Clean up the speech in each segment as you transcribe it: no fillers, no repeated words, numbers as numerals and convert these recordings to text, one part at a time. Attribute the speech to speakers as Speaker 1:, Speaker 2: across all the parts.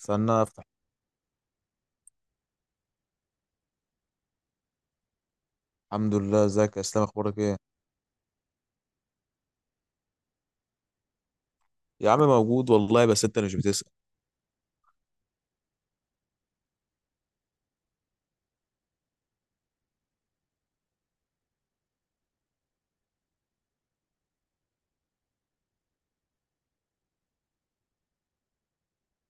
Speaker 1: استنى افتح. الحمد لله، ازيك يا اسلام؟ اخبارك ايه؟ يا عم موجود والله، بس انت مش بتسأل.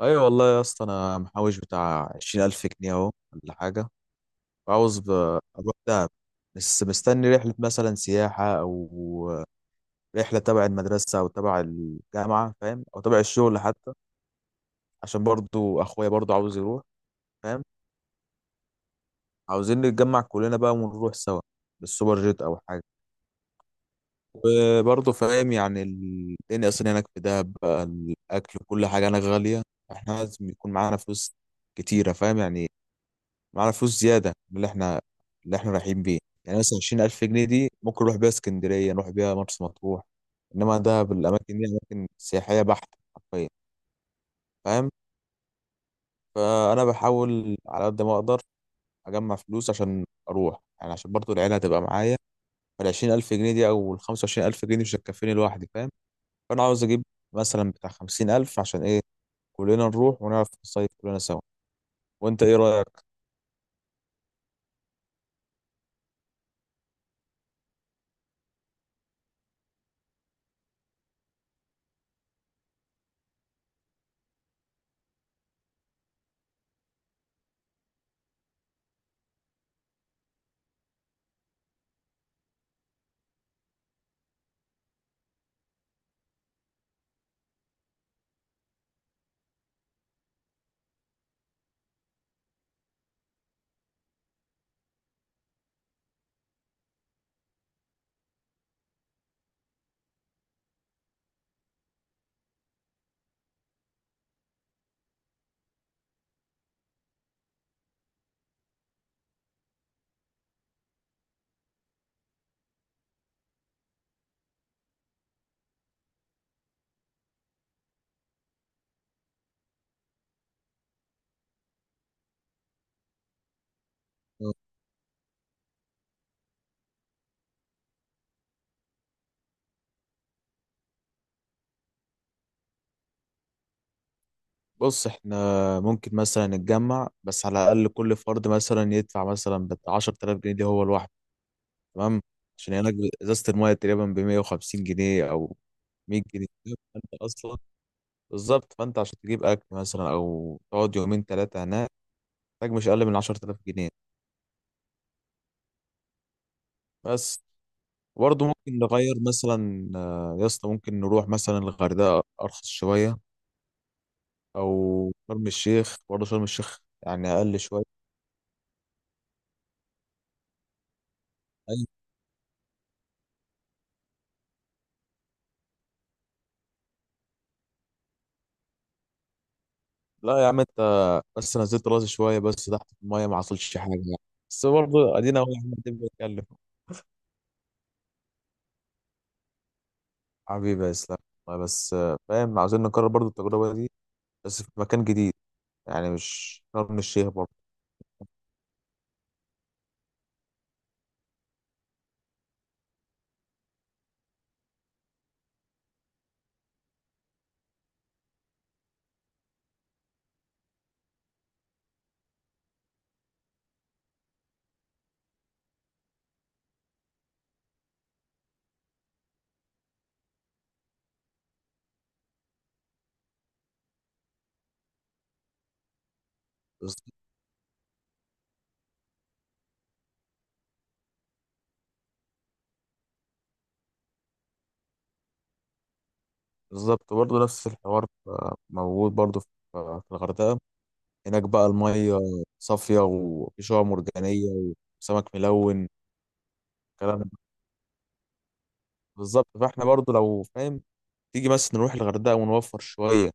Speaker 1: ايوه والله يا اسطى، انا محوش بتاع 20000 جنيه اهو ولا حاجه، وعاوز اروح دهب، بس مستني رحله مثلا سياحه او رحله تبع المدرسه او تبع الجامعه، فاهم؟ او تبع الشغل حتى، عشان برضو اخويا برضو عاوز يروح، فاهم؟ عاوزين نتجمع كلنا بقى ونروح سوا بالسوبر جيت او حاجه. وبرضه فاهم يعني الدنيا اصلا هناك في دهب بقى، الاكل وكل حاجه هناك غاليه، احنا لازم يكون معانا فلوس كتيره، فاهم يعني؟ معانا فلوس زياده من اللي احنا رايحين بيه. يعني مثلا 20000 جنيه دي ممكن نروح بيها اسكندريه، نروح بيها مرسى مطروح، انما دهب الاماكن دي اماكن سياحيه بحته حرفيا، فاهم؟ فانا بحاول على قد ما اقدر اجمع فلوس عشان اروح، يعني عشان برضه العيله هتبقى معايا. فال 20000 جنيه دي او ال 25000 جنيه دي مش هتكفيني لوحدي، فاهم؟ فانا عاوز اجيب مثلا بتاع 50000، عشان ايه؟ كلنا نروح ونعرف نصيف كلنا سوا. وانت ايه رايك؟ بص احنا ممكن مثلا نتجمع، بس على الاقل كل فرد مثلا يدفع مثلا بتاع 10000 جنيه دي هو لوحده، تمام؟ عشان هناك ازازه المايه تقريبا ب 150 جنيه او 100 جنيه، فانت اصلا بالظبط، فانت عشان تجيب اكل مثلا او تقعد يومين ثلاثه هناك، محتاج مش اقل من 10000 جنيه بس. برضه ممكن نغير مثلا، يا اسطى ممكن نروح مثلا الغردقه ارخص شويه، او شرم الشيخ، برضه شرم الشيخ يعني اقل شويه. أي- لا يا عم انت، بس نزلت راسي شويه بس تحت المايه، ما حصلش حاجه يعني. بس برضه ادينا اهو يا عم، قاعدين بنتكلم. حبيبي يا اسلام، والله بس فاهم، عاوزين نكرر برضه التجربه دي، بس في مكان جديد، يعني مش شرم الشيخ برضه. بس- بالظبط برضه نفس الحوار موجود برضه في الغردقه، هناك بقى الميه صافيه، وفي شعاب مرجانيه، وسمك ملون. الكلام ده بالظبط، فاحنا برضه لو فاهم تيجي بس نروح الغردقة ونوفر شوية،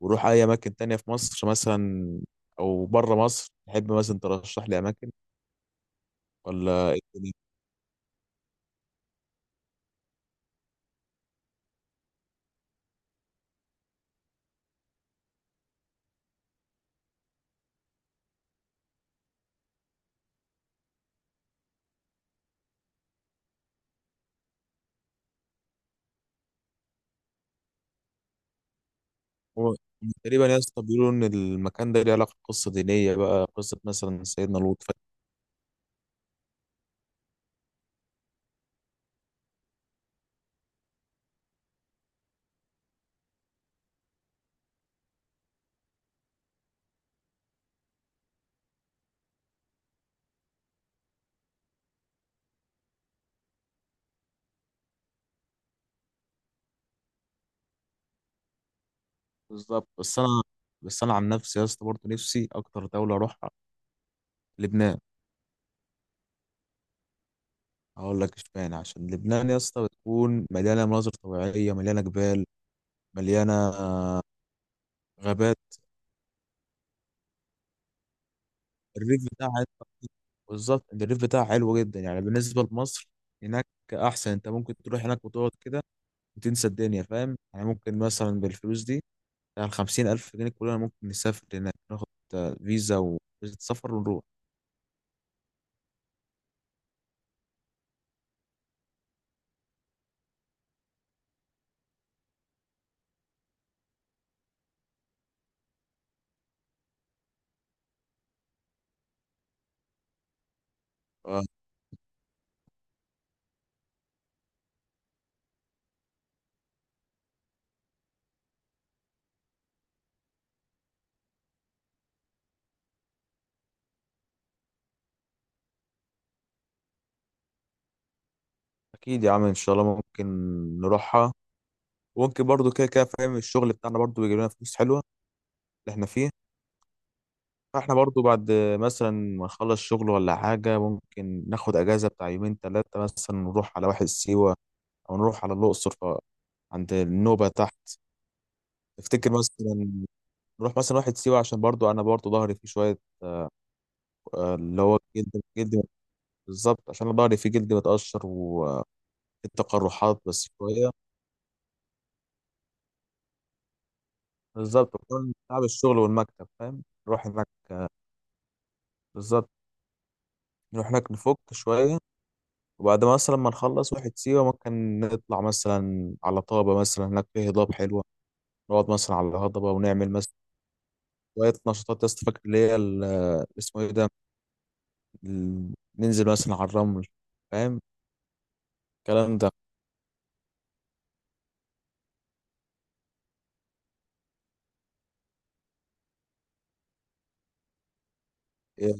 Speaker 1: ونروح أي أماكن تانية في مصر مثلا، أو بره مصر تحب مثلا ترشح لي أماكن ولا إيه الدنيا؟ هو تقريبا يا اسطى بيقولوا إن المكان ده ليه علاقة بقصة دينية، بقى قصة مثلا سيدنا لوط بالظبط. بس أنا عن نفسي يا اسطى برضه نفسي أكتر دولة أروحها لبنان. هقول لك اشمعنى، عشان لبنان يا اسطى بتكون مليانة مناظر طبيعية، مليانة جبال، مليانة غابات. الريف بتاعها حلو- بالظبط الريف بتاعها حلو جدا، يعني بالنسبة لمصر هناك أحسن، أنت ممكن تروح هناك وتقعد كده وتنسى الدنيا، فاهم يعني؟ ممكن مثلا بالفلوس دي، يعني 50000 جنيه كلنا ممكن نسافر هناك، ناخد فيزا، وفيزا سفر ونروح. آه، أكيد يا عم إن شاء الله ممكن نروحها، وممكن برضو كده كده فاهم، الشغل بتاعنا برضو بيجيب لنا فلوس حلوة اللي إحنا فيه. فإحنا برضو بعد مثلا ما نخلص شغل ولا حاجة، ممكن ناخد أجازة بتاع يومين تلاتة، مثلا نروح على واحد سيوة، او نروح على الاقصر عند النوبه تحت. تفتكر مثلا نروح مثلا واحد سيوه، عشان برضو انا برضو ظهري فيه شويه اللي هو جلد جلد. بالظبط، عشان أنا ظهري فيه جلد متقشر والتقرحات بس شويه. بالظبط، وكمان تعب الشغل والمكتب فاهم، نروح هناك. بالظبط، نروح هناك نفك شويه، وبعد ما مثلا ما نخلص واحد سيوه ممكن نطلع مثلا على طابه، مثلا هناك فيه هضاب حلوه، نقعد مثلا على الهضبه ونعمل مثلا شويه نشاطات يا اسطى. فاكر اسمه ايه ده، ننزل مثلا على الرمل، فاهم الكلام ده؟ إيه،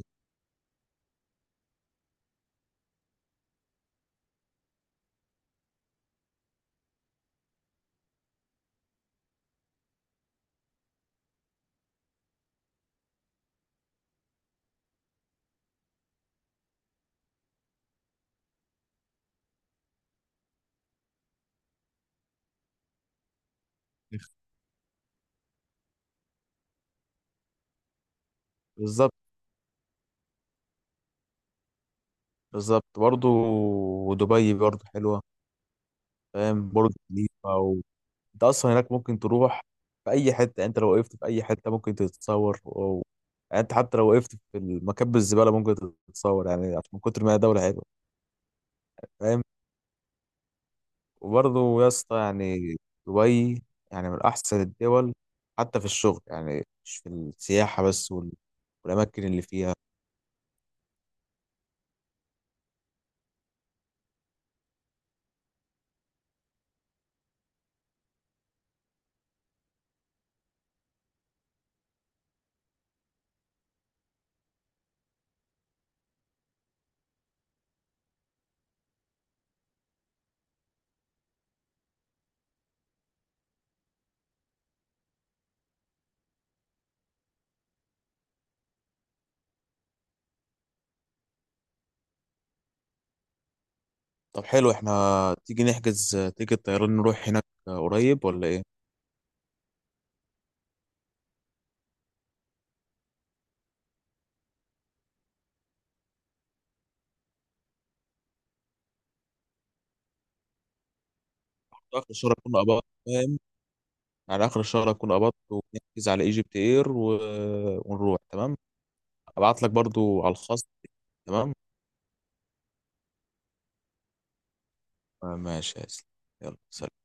Speaker 1: بالظبط بالظبط برضه. ودبي برضه حلوة، فاهم؟ برج خليفة انت اصلا هناك ممكن تروح في اي حتة، يعني انت لو وقفت في اي حتة ممكن تتصور يعني انت حتى لو وقفت في المكب الزبالة ممكن تتصور، يعني عشان من كتر ما هي دولة حلوة، فاهم؟ وبرضه يا اسطى يعني دبي يعني من احسن الدول، حتى في الشغل يعني مش في السياحة بس والاماكن اللي فيها. طب حلو، احنا تيجي نحجز تيجي طيران نروح هناك قريب ولا ايه؟ اخر الشهر اكون قبضت، فاهم؟ على اخر الشهر اكون قبضت ونحجز على ايجيبت اير ونروح، تمام؟ ابعت لك برضو على الخاص، تمام؟ ماشي يا اسلام، يلا سلام.